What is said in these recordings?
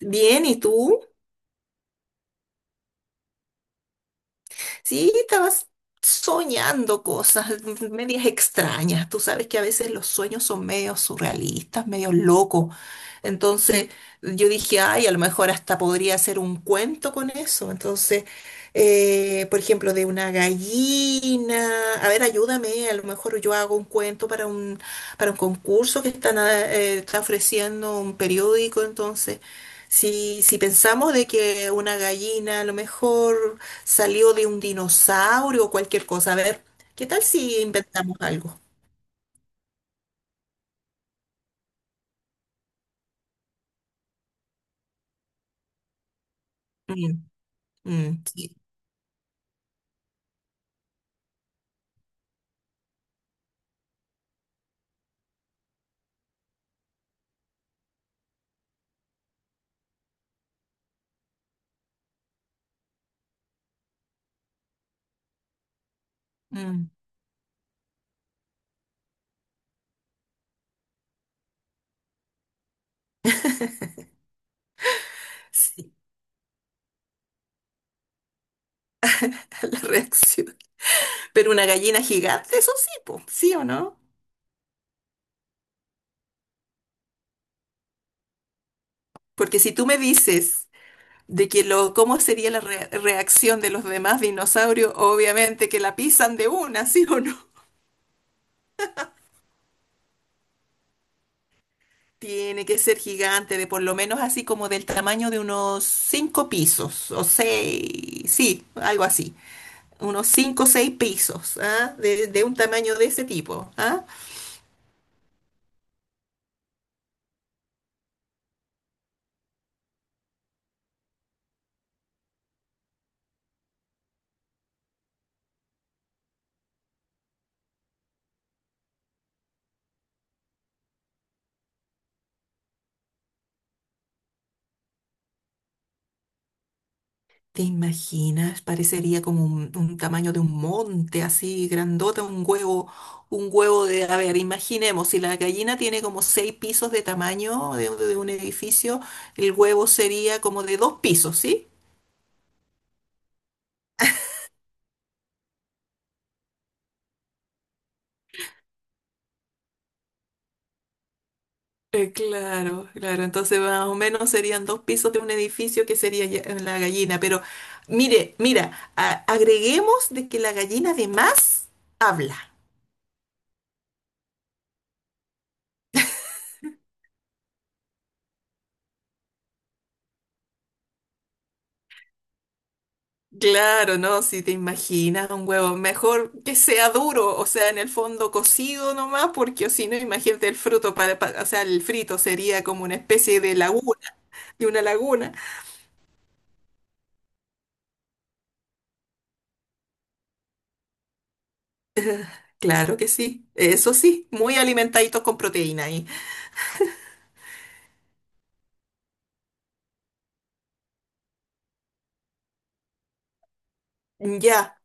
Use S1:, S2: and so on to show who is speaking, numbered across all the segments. S1: Bien, ¿y tú? Sí, estabas soñando cosas medias extrañas. Tú sabes que a veces los sueños son medio surrealistas, medio locos. Entonces yo dije, ay, a lo mejor hasta podría hacer un cuento con eso. Entonces, por ejemplo, de una gallina. A ver, ayúdame. A lo mejor yo hago un cuento para un concurso que están, está ofreciendo un periódico. Entonces, si pensamos de que una gallina a lo mejor salió de un dinosaurio o cualquier cosa. A ver, ¿qué tal si inventamos algo? Mm, mm, sí, mm, sí, la reacción. Pero una gallina gigante, eso sí, po, ¿sí o no? Porque si tú me dices de que lo, cómo sería la reacción de los demás dinosaurios, obviamente que la pisan de una, ¿sí o no? Tiene que ser gigante, de por lo menos así como del tamaño de unos 5 pisos o 6, sí, algo así. Unos 5 o 6 pisos, ¿ah? De un tamaño de ese tipo, ¿ah? ¿Te imaginas? Parecería como un tamaño de un monte, así grandota, un huevo de, a ver, imaginemos, si la gallina tiene como 6 pisos de tamaño de un edificio, el huevo sería como de 2 pisos, ¿sí? Claro, claro, entonces más o menos serían 2 pisos de un edificio que sería ya- la gallina, pero mira, agreguemos de que la gallina además habla. Claro, no, si te imaginas un huevo, mejor que sea duro, o sea, en el fondo cocido nomás, porque si no, imagínate el fruto para, o sea, el frito sería como una especie de laguna, de una laguna. Claro que sí, eso sí, muy alimentaditos con proteína ahí. Ya,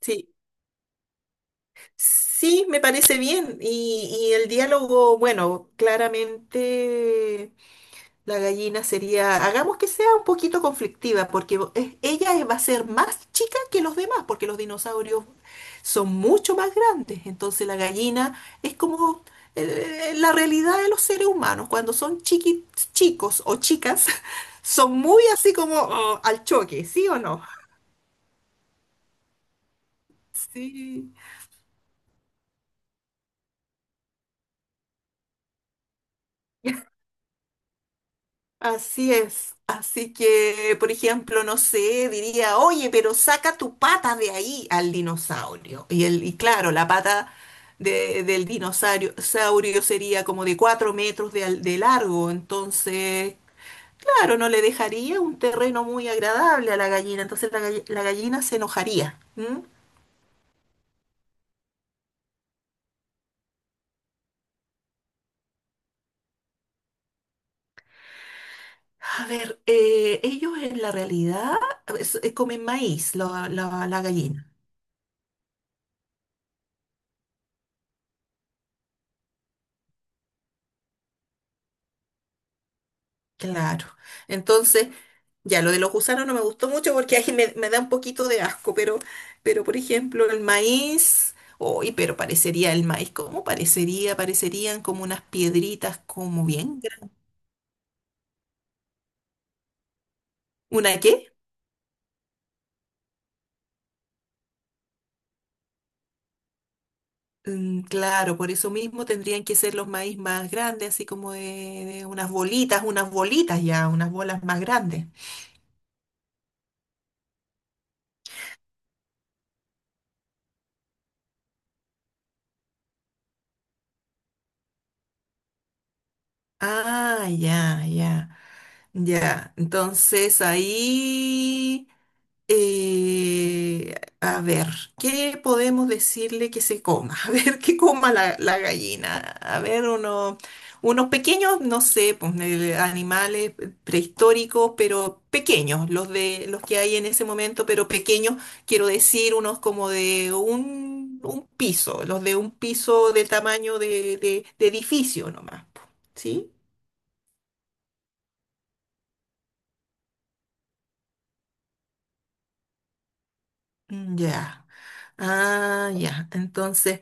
S1: sí, sí, me parece bien. Y el diálogo, bueno, claramente. La gallina sería, hagamos que sea un poquito conflictiva, porque va a ser más chica que los demás, porque los dinosaurios son mucho más grandes. Entonces la gallina es como la realidad de los seres humanos. Cuando son chicos o chicas, son muy así como oh, al choque, ¿sí o no? Sí. Así es. Así que, por ejemplo, no sé, diría, oye, pero saca tu pata de ahí al dinosaurio. Y, y claro, la pata del dinosaurio saurio sería como de 4 metros de, de largo. Entonces, claro, no le dejaría un terreno muy agradable a la gallina. Entonces la gallina se enojaría. ¿M? A ver, ellos en la realidad a ver, comen maíz, la gallina. Claro. Entonces, ya, lo de los gusanos no me gustó mucho porque ahí me da un poquito de asco, pero, por ejemplo, el maíz, uy, pero parecería el maíz, ¿cómo parecería? Parecerían como unas piedritas, como bien. ¿Una qué? Mm, claro, por eso mismo tendrían que ser los maíz más grandes, así como de unas bolitas ya, unas bolas más grandes. Ah, ya, ya, ya. Entonces ahí. Eh, a ver, ¿qué podemos decirle que se coma? A ver, ¿qué coma la gallina? A ver, unos pequeños, no sé, pues, animales prehistóricos, pero pequeños, los de los que hay en ese momento, pero pequeños, quiero decir, unos como de un piso, los de un piso de tamaño de, de edificio nomás, po, ¿sí? Mm, ya. Ah, ya. Entonces,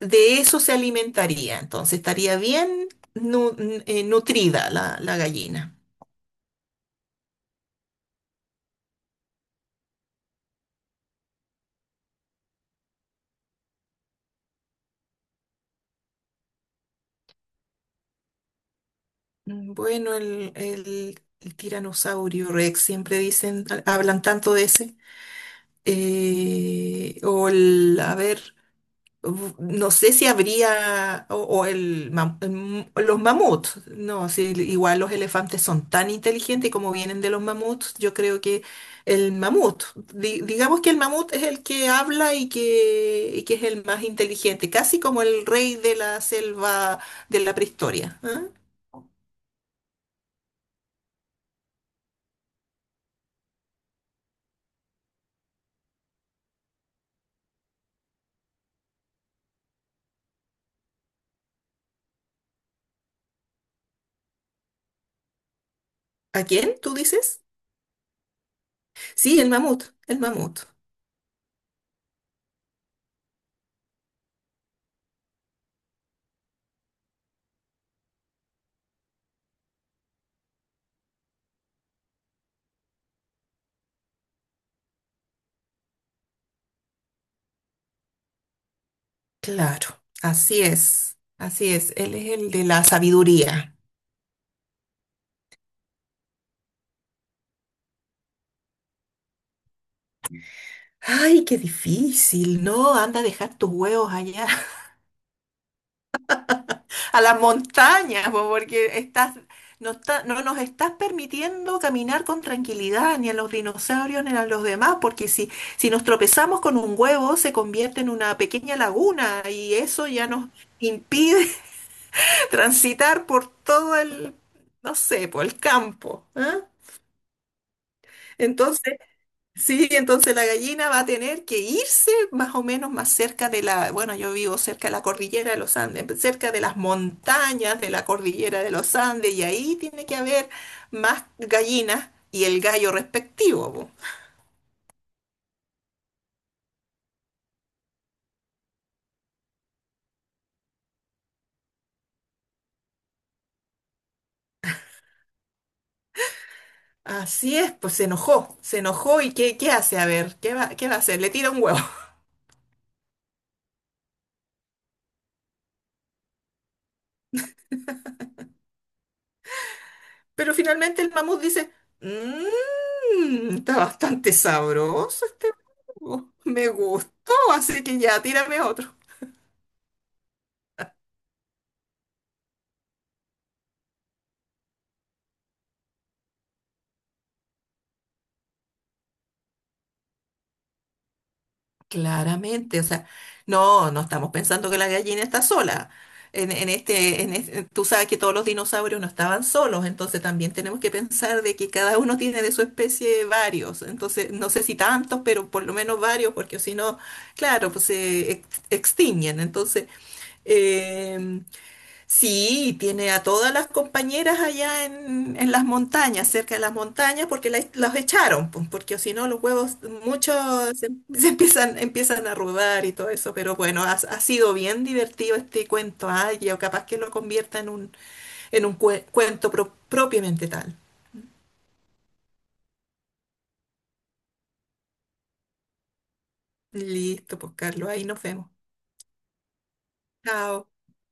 S1: de eso se alimentaría, entonces estaría bien nutrida la gallina. Mm, bueno, el tiranosaurio Rex, siempre dicen, hablan tanto de ese. O el, a ver. Uf, no sé si habría, o el, los mamuts, no, si igual los elefantes son tan inteligentes y como vienen de los mamuts, yo creo que el mamut, digamos que el mamut es el que habla y que es el más inteligente, casi como el rey de la selva de la prehistoria. ¿Ah? ¿A quién tú dices? Sí, el mamut, el mamut. Claro, así es, él es el de la sabiduría. Ay, qué difícil, ¿no? Anda a dejar tus huevos allá, a las montañas, po, porque estás, no nos estás permitiendo caminar con tranquilidad, ni a los dinosaurios, ni a los demás, porque si nos tropezamos con un huevo, se convierte en una pequeña laguna, y eso ya nos impide transitar por todo el, no sé, por el campo, ¿ah? Entonces, sí, entonces la gallina va a tener que irse más o menos más cerca de la, bueno, yo vivo cerca de la cordillera de los Andes, cerca de las montañas de la cordillera de los Andes, y ahí tiene que haber más gallinas y el gallo respectivo, po. Así es, pues se enojó y ¿qué, hace? A ver, ¿qué va a hacer? Le tira un huevo. Pero finalmente el mamut dice, mmm, está bastante sabroso este huevo, me gustó, así que ya, tírame otro. Claramente, o sea, no, no estamos pensando que la gallina está sola. En este, tú sabes que todos los dinosaurios no estaban solos, entonces también tenemos que pensar de que cada uno tiene de su especie varios, entonces no sé si tantos, pero por lo menos varios, porque si no, claro, pues se extinguen. Entonces, em, sí, tiene a todas las compañeras allá en, las montañas, cerca de las montañas, porque los echaron, pues, porque si no los huevos, muchos se, se empiezan, empiezan a arrugar y todo eso, pero bueno, ha sido bien divertido este cuento, ay, yo capaz que lo convierta en un, cuento propiamente tal. Listo, pues Carlos, ahí nos vemos. Chao.